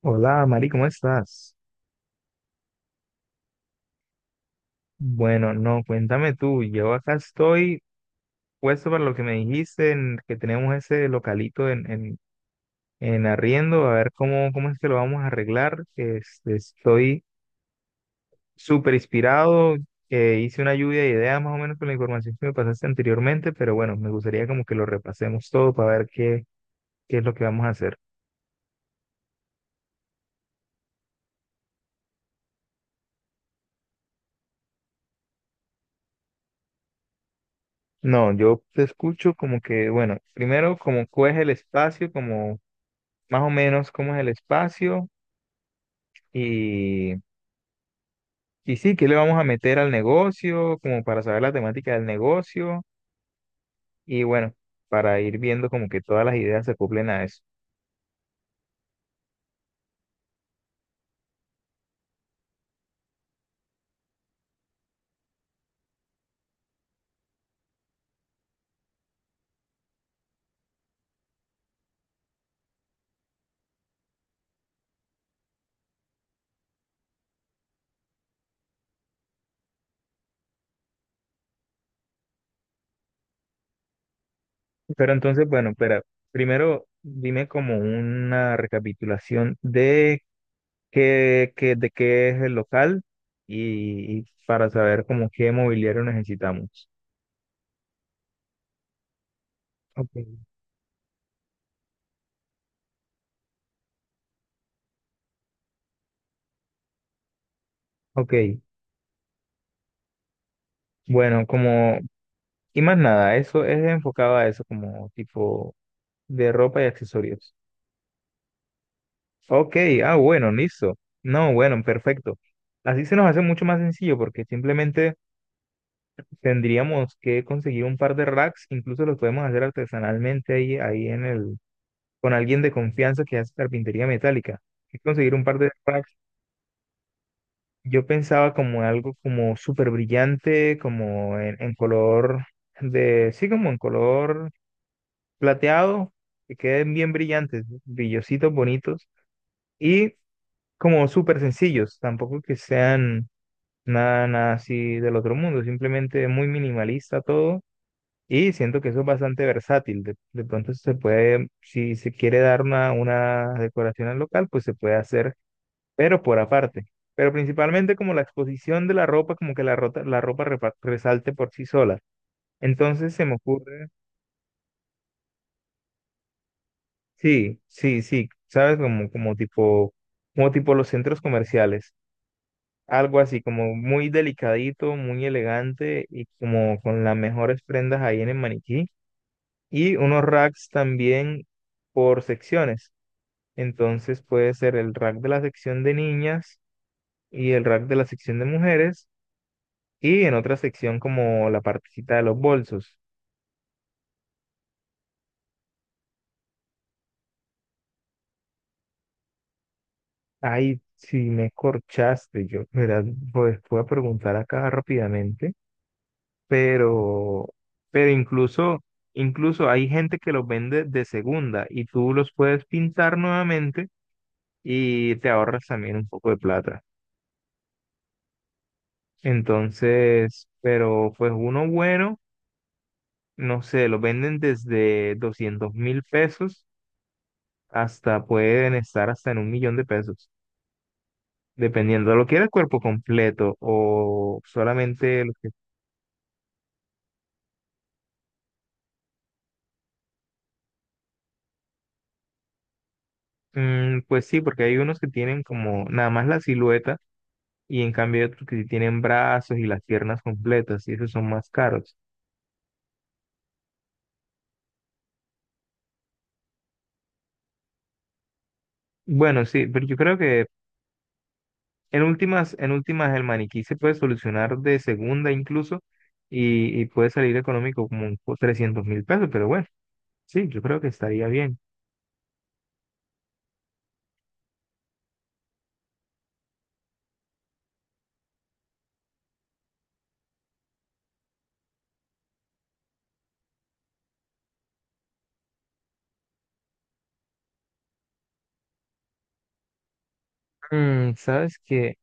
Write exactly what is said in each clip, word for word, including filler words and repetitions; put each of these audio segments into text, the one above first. Hola, Mari, ¿cómo estás? Bueno, no, cuéntame tú. Yo acá estoy puesto para lo que me dijiste, en que tenemos ese localito en, en, en arriendo, a ver cómo, cómo es que lo vamos a arreglar. Este, estoy súper inspirado. Eh, hice una lluvia de ideas más o menos con la información que me pasaste anteriormente, pero bueno, me gustaría como que lo repasemos todo para ver qué, qué es lo que vamos a hacer. No, yo te escucho como que, bueno, primero como cuál es el espacio, como más o menos cómo es el espacio. Y, y sí, ¿qué le vamos a meter al negocio? Como para saber la temática del negocio. Y bueno, para ir viendo como que todas las ideas se cumplen a eso. Pero entonces, bueno, espera, primero dime como una recapitulación de qué, qué- de qué es el local y, y para saber como qué mobiliario necesitamos. Ok, ok. Bueno, como, y más nada, eso es enfocado a eso, como tipo de ropa y accesorios. Ok, ah, bueno, listo. No, bueno, perfecto. Así se nos hace mucho más sencillo porque simplemente tendríamos que conseguir un par de racks, incluso los podemos hacer artesanalmente ahí, ahí en el, con alguien de confianza que hace carpintería metálica. Es conseguir un par de racks. Yo pensaba como en algo como súper brillante, como en, en color de, sí, como en color plateado, que queden bien brillantes, brillositos, bonitos y como súper sencillos, tampoco que sean. Nada, nada así del otro mundo, simplemente muy minimalista todo, y siento que eso es bastante versátil. De, de pronto se puede, si se quiere dar una, una decoración al local, pues se puede hacer, pero por aparte. Pero principalmente como la exposición de la ropa, como que la, rota- la ropa repa- resalte por sí sola. Entonces se me ocurre, sí, sí, sí, ¿sabes? Como, como tipo, como tipo los centros comerciales, algo así como muy delicadito, muy elegante y como con las mejores prendas ahí en el maniquí. Y unos racks también por secciones. Entonces puede ser el rack de la sección de niñas y el rack de la sección de mujeres y en otra sección como la partecita de los bolsos. Ay, si me corchaste, yo, mira, pues voy a preguntar acá rápidamente. pero, pero incluso, incluso hay gente que los vende de segunda y tú los puedes pintar nuevamente y te ahorras también un poco de plata. Entonces, pero pues uno bueno, no sé, los venden desde doscientos mil pesos hasta pueden estar hasta en un millón de pesos, dependiendo. ¿Lo quieres cuerpo completo o solamente los que... Mm, pues sí, porque hay unos que tienen como nada más la silueta, y en cambio hay otros que sí tienen brazos y las piernas completas y esos son más caros. Bueno, sí, pero yo creo que en últimas, en últimas el maniquí se puede solucionar de segunda incluso, y, y puede salir económico como trescientos mil pesos, pero bueno, sí, yo creo que estaría bien. Mm, sabes que,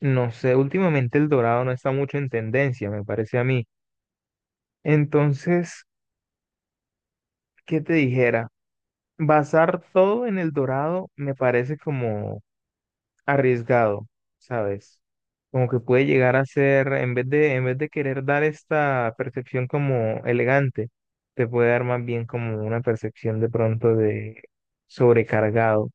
no sé, últimamente el dorado no está mucho en tendencia, me parece a mí. Entonces, ¿qué te dijera? Basar todo en el dorado me parece como arriesgado, ¿sabes? Como que puede llegar a ser, en vez de, en vez de querer dar esta percepción como elegante, te puede dar más bien como una percepción de pronto de sobrecargado.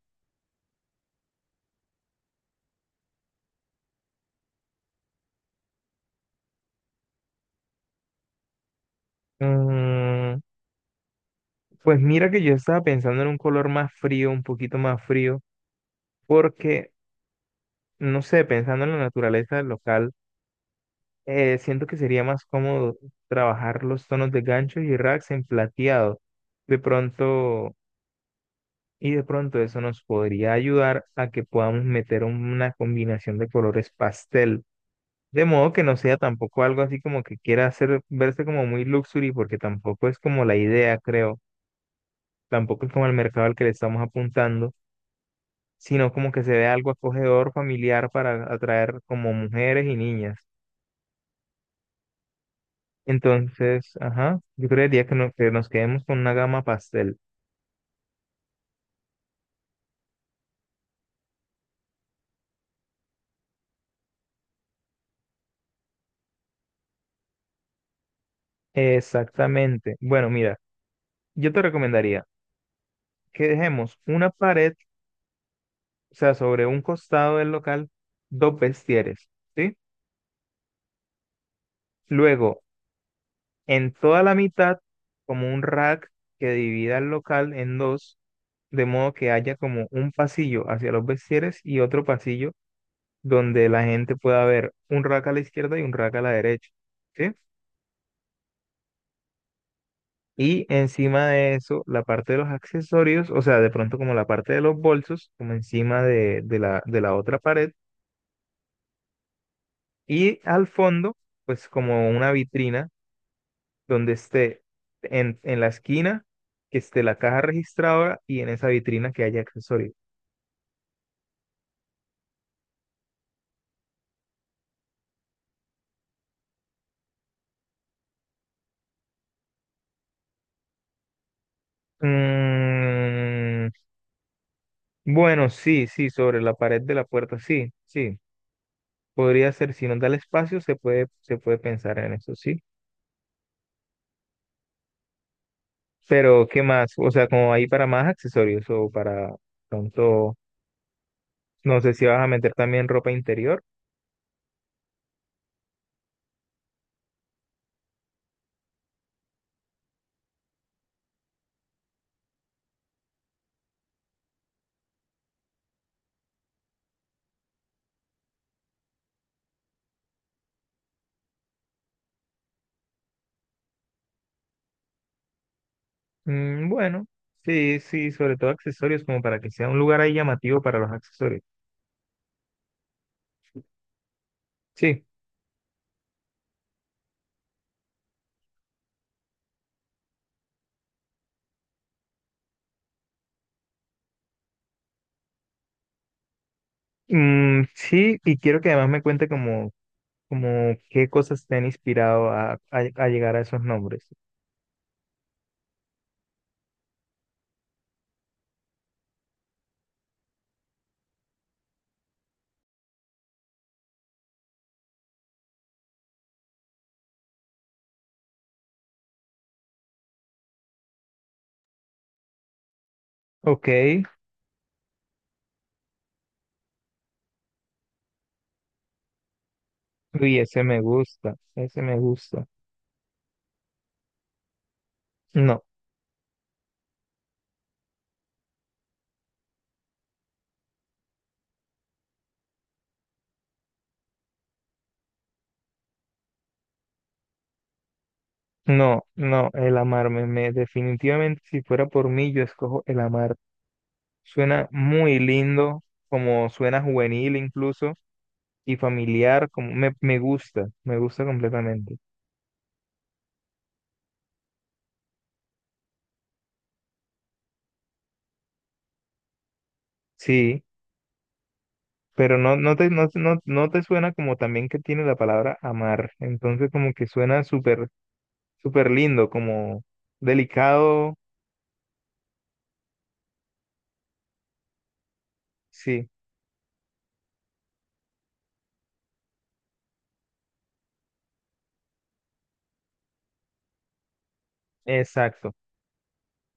Mm, pues mira que yo estaba pensando en un color más frío, un poquito más frío, porque, no sé, pensando en la naturaleza del local, eh, siento que sería más cómodo trabajar los tonos de ganchos y racks en plateado. De pronto y de pronto eso nos podría ayudar a que podamos meter una combinación de colores pastel, de modo que no sea tampoco algo así como que quiera hacer verse como muy luxury, porque tampoco es como la idea, creo, tampoco es como el mercado al que le estamos apuntando, sino como que se vea algo acogedor, familiar para atraer como mujeres y niñas. Entonces, ajá, yo creería que, no- que nos quedemos con una gama pastel. Exactamente. Bueno, mira, yo te recomendaría que dejemos una pared, o sea, sobre un costado del local, dos vestieres, ¿sí? Luego, en toda la mitad, como un rack que divida el local en dos, de modo que haya como un pasillo hacia los vestieres y otro pasillo donde la gente pueda ver un rack a la izquierda y un rack a la derecha, ¿sí? Y encima de eso, la parte de los accesorios, o sea, de pronto como la parte de los bolsos, como encima de, de la, de la otra pared, y al fondo, pues como una vitrina donde esté en, en la esquina, que esté la caja registradora y en esa vitrina que haya accesorios. Mm, bueno, sí, sí, sobre la pared de la puerta, sí, sí. Podría ser, si nos da el espacio, se puede, se puede pensar en eso, sí. Pero, ¿qué más? O sea, como ahí para más accesorios o para pronto, no sé si vas a meter también ropa interior. Mm, bueno, sí, sí, sobre todo accesorios, como para que sea un lugar ahí llamativo para los accesorios. Sí. Mm, sí, y quiero que además me cuente como, como qué cosas te han inspirado a, a- a llegar a esos nombres. Ok, uy, ese me gusta, ese me gusta. No, no, no, El amarme, me, definitivamente si fuera por mí yo escojo el amar. Suena muy lindo, como suena juvenil incluso, y familiar, como me, me gusta, me gusta completamente. Sí, pero no, no te, no, no, no te suena como también que tiene la palabra amar. Entonces como que suena súper. Súper lindo, como delicado. Sí, exacto.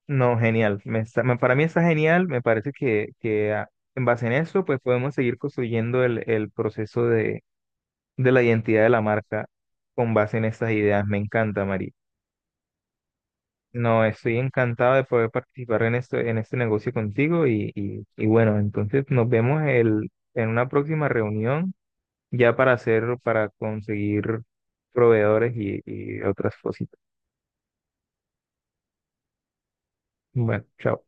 No, genial. Me está- me- para mí está genial. Me parece que, que ah, en base en eso, pues podemos seguir construyendo el, el proceso de, de la identidad de la marca con base en estas ideas. Me encanta, María. No, estoy encantado de poder participar en esto, en este negocio contigo y, y, y bueno, entonces nos vemos el, en una próxima reunión ya para hacer, para conseguir proveedores y, y otras cositas. Bueno, chao.